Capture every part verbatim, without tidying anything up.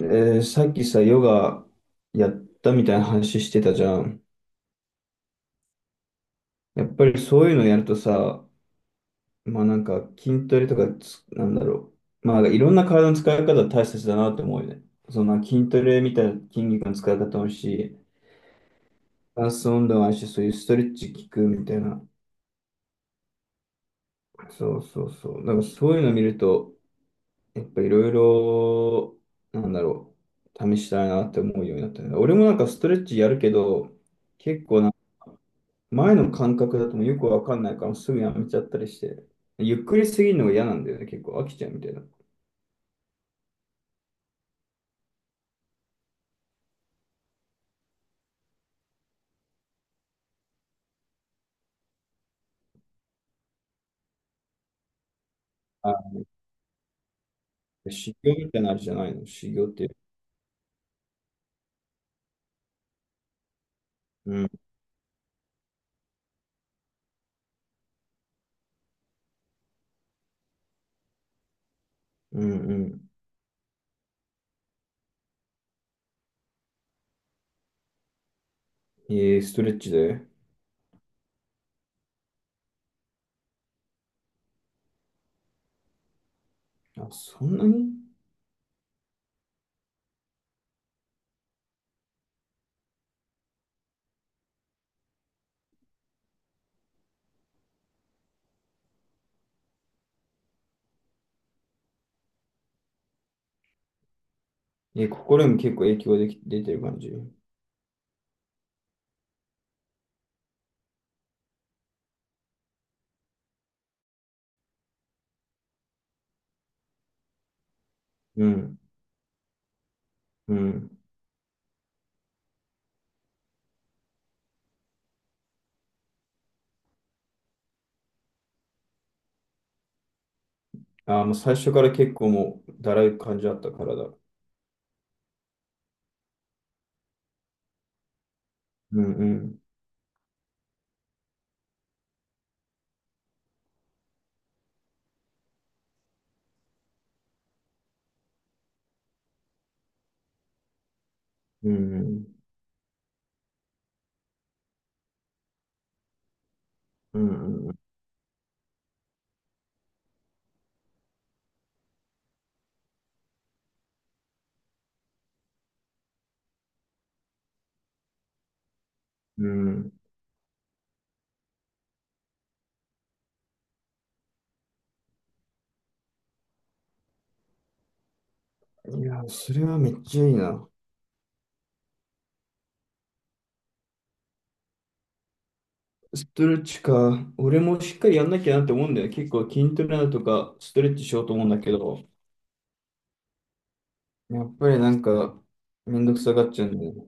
えーさっきさ、ヨガやったみたいな話してたじゃん。やっぱりそういうのやるとさ、まあなんか筋トレとかつ、なんだろう。まあいろんな体の使い方大切だなって思うよね。その筋トレみたいな筋肉の使い方もあるし、ダンス運動もあるし、そういうストレッチ効くみたいな。そうそうそう。だからそういうの見ると、やっぱいろいろ、なんだろう、試したいなって思うようになったね。俺もなんかストレッチやるけど、結構前の感覚だともうよくわかんないからすぐやめちゃったりして、ゆっくりすぎるのが嫌なんだよね、結構飽きちゃうみたいな。あ、修行みたいなあれじゃないの、修行って。うん、うん、うん。えー、ストレッチで。あ、そんなに。えー、心にも結構影響でき、出てる感じ。うん、うん。あ、もう最初から結構もうだらい感じあった体。うん、うん、うん、うん、うん、うん。うんいや、それはめっちゃいいな。ストレッチか。俺もしっかりやんなきゃなって思うんだよね。結構筋トレだとかストレッチしようと思うんだけど、やっぱりなんかめんどくさがっちゃうんだよね。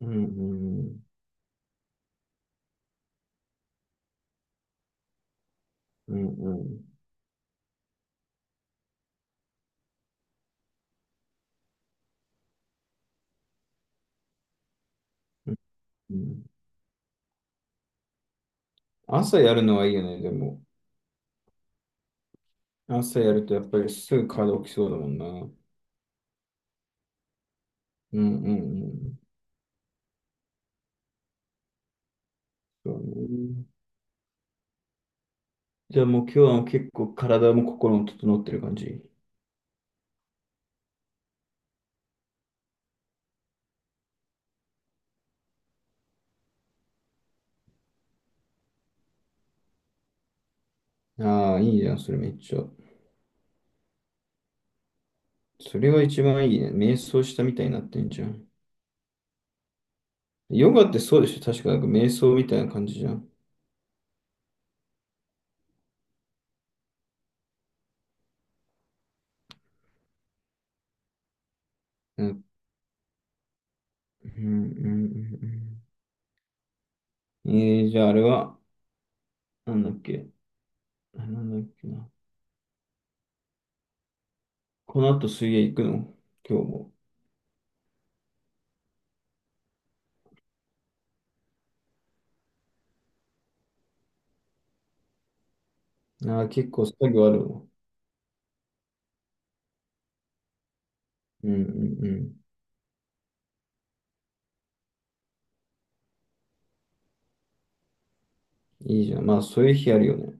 うんうんうんうんうん。うん朝やるのはいいよね、でも。朝やるとやっぱりすぐ体起きそうだもんな。うんうんうん。そうね。じゃあもう今日は結構体も心も整ってる感じ。ああ、いいじゃん、それめっちゃ。それは一番いいね。瞑想したみたいになってんじゃん。ヨガってそうでしょ確かなんか瞑想みたいな感じじゃん。うん、うん、うんうん。えー、じゃああれは、なんだっけ、あ、なんだっけな。この後水泳行くの今日も。あー、結構作業あるの。うんうんうん。いいじゃん。まあそういう日あるよね。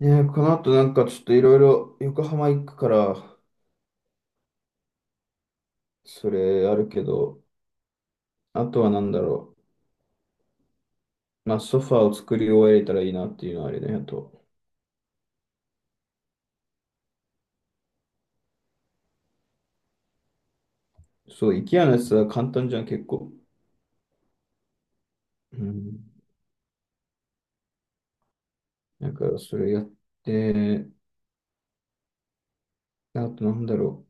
ねえ、この後なんかちょっといろいろ横浜行くから、それあるけど、あとはなんだろう。まあソファーを作り終えれたらいいなっていうのはあれだよと。そう、IKEA のやつは簡単じゃん、結構。うんだからそれやって、あとなんだろ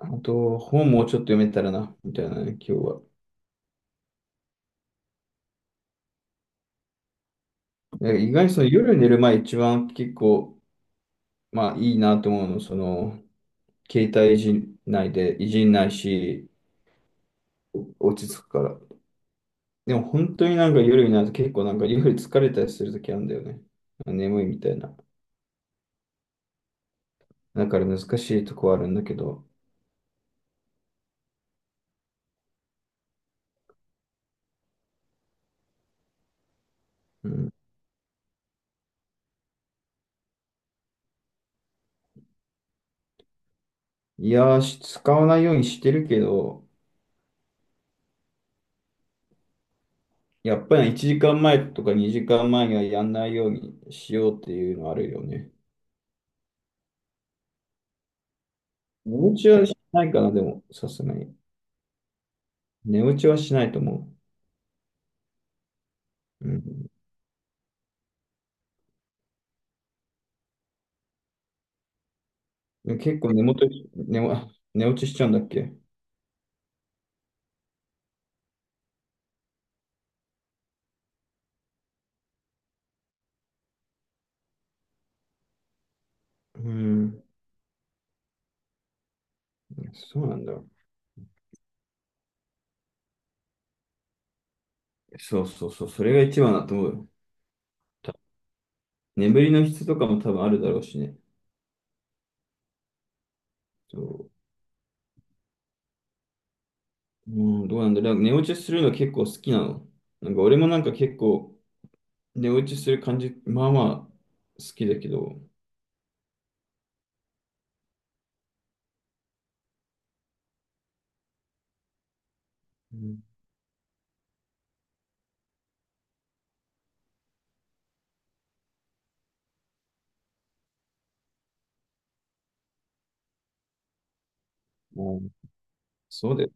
う。あと、本もうちょっと読めたらな、みたいなね、今日は。なんか意外にその夜寝る前一番結構、まあいいなと思うの、その、携帯いじんないで、いじんないし、お落ち着くから。でも本当になんか夜になると結構なんか夜疲れたりするときあるんだよね。眠いみたいな。だから難しいとこはあるんだけど。うん。いやー、し使わないようにしてるけど、やっぱりいちじかんまえとかにじかんまえにはやんないようにしようっていうのはあるよね。寝落ちはしないかな、でも、さすがに。寝落ちはしないと思う。うん、でも結構寝元、寝も、寝落ちしちゃうんだっけ。うん、そうなんだ。そうそうそう、それが一番だと思うよ。た眠りの質とかも多分あるだろうしね。そう、うん、どうなんだろう。なんか寝落ちするの結構好きなの。なんか俺もなんか結構寝落ちする感じ、まあまあ好きだけど、うんそうだよ。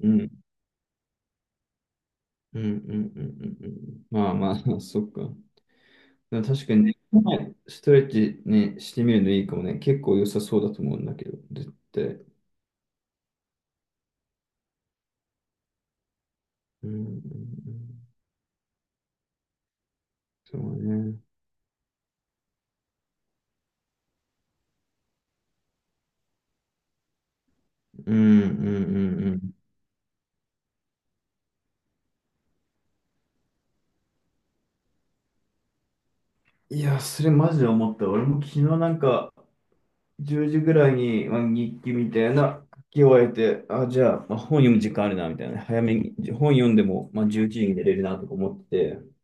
うん。うんうんうんうんうん。まあまあ、そっか。でも確かにね、ストレッチね、してみるのいいかもね。結構良さそうだと思うんだけど、絶対。うんうんうん。そうね。うんうんうんうん。いや、それマジで思った。俺も昨日なんか、じゅうじぐらいに、まあ、日記みたいな書き終えて、あ、じゃあ、まあ、本読む時間あるな、みたいなね。早めに、本読んでも、まあ、じゅういちじに寝れるな、とか思ってて。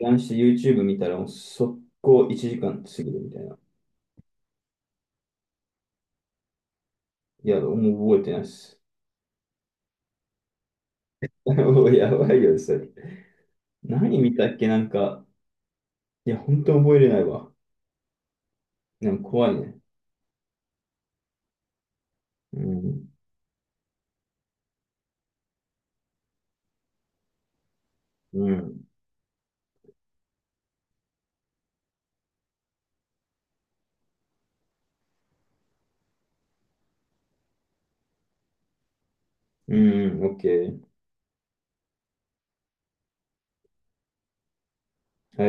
ランして YouTube 見たら、もう速攻いちじかん過ぎるみたいな。いや、もう覚えてないです。もうやばいよ、それ。何見たっけなんか、いや、本当覚えれないわ。でも怖いね。うん。うん。うん、OK。はい。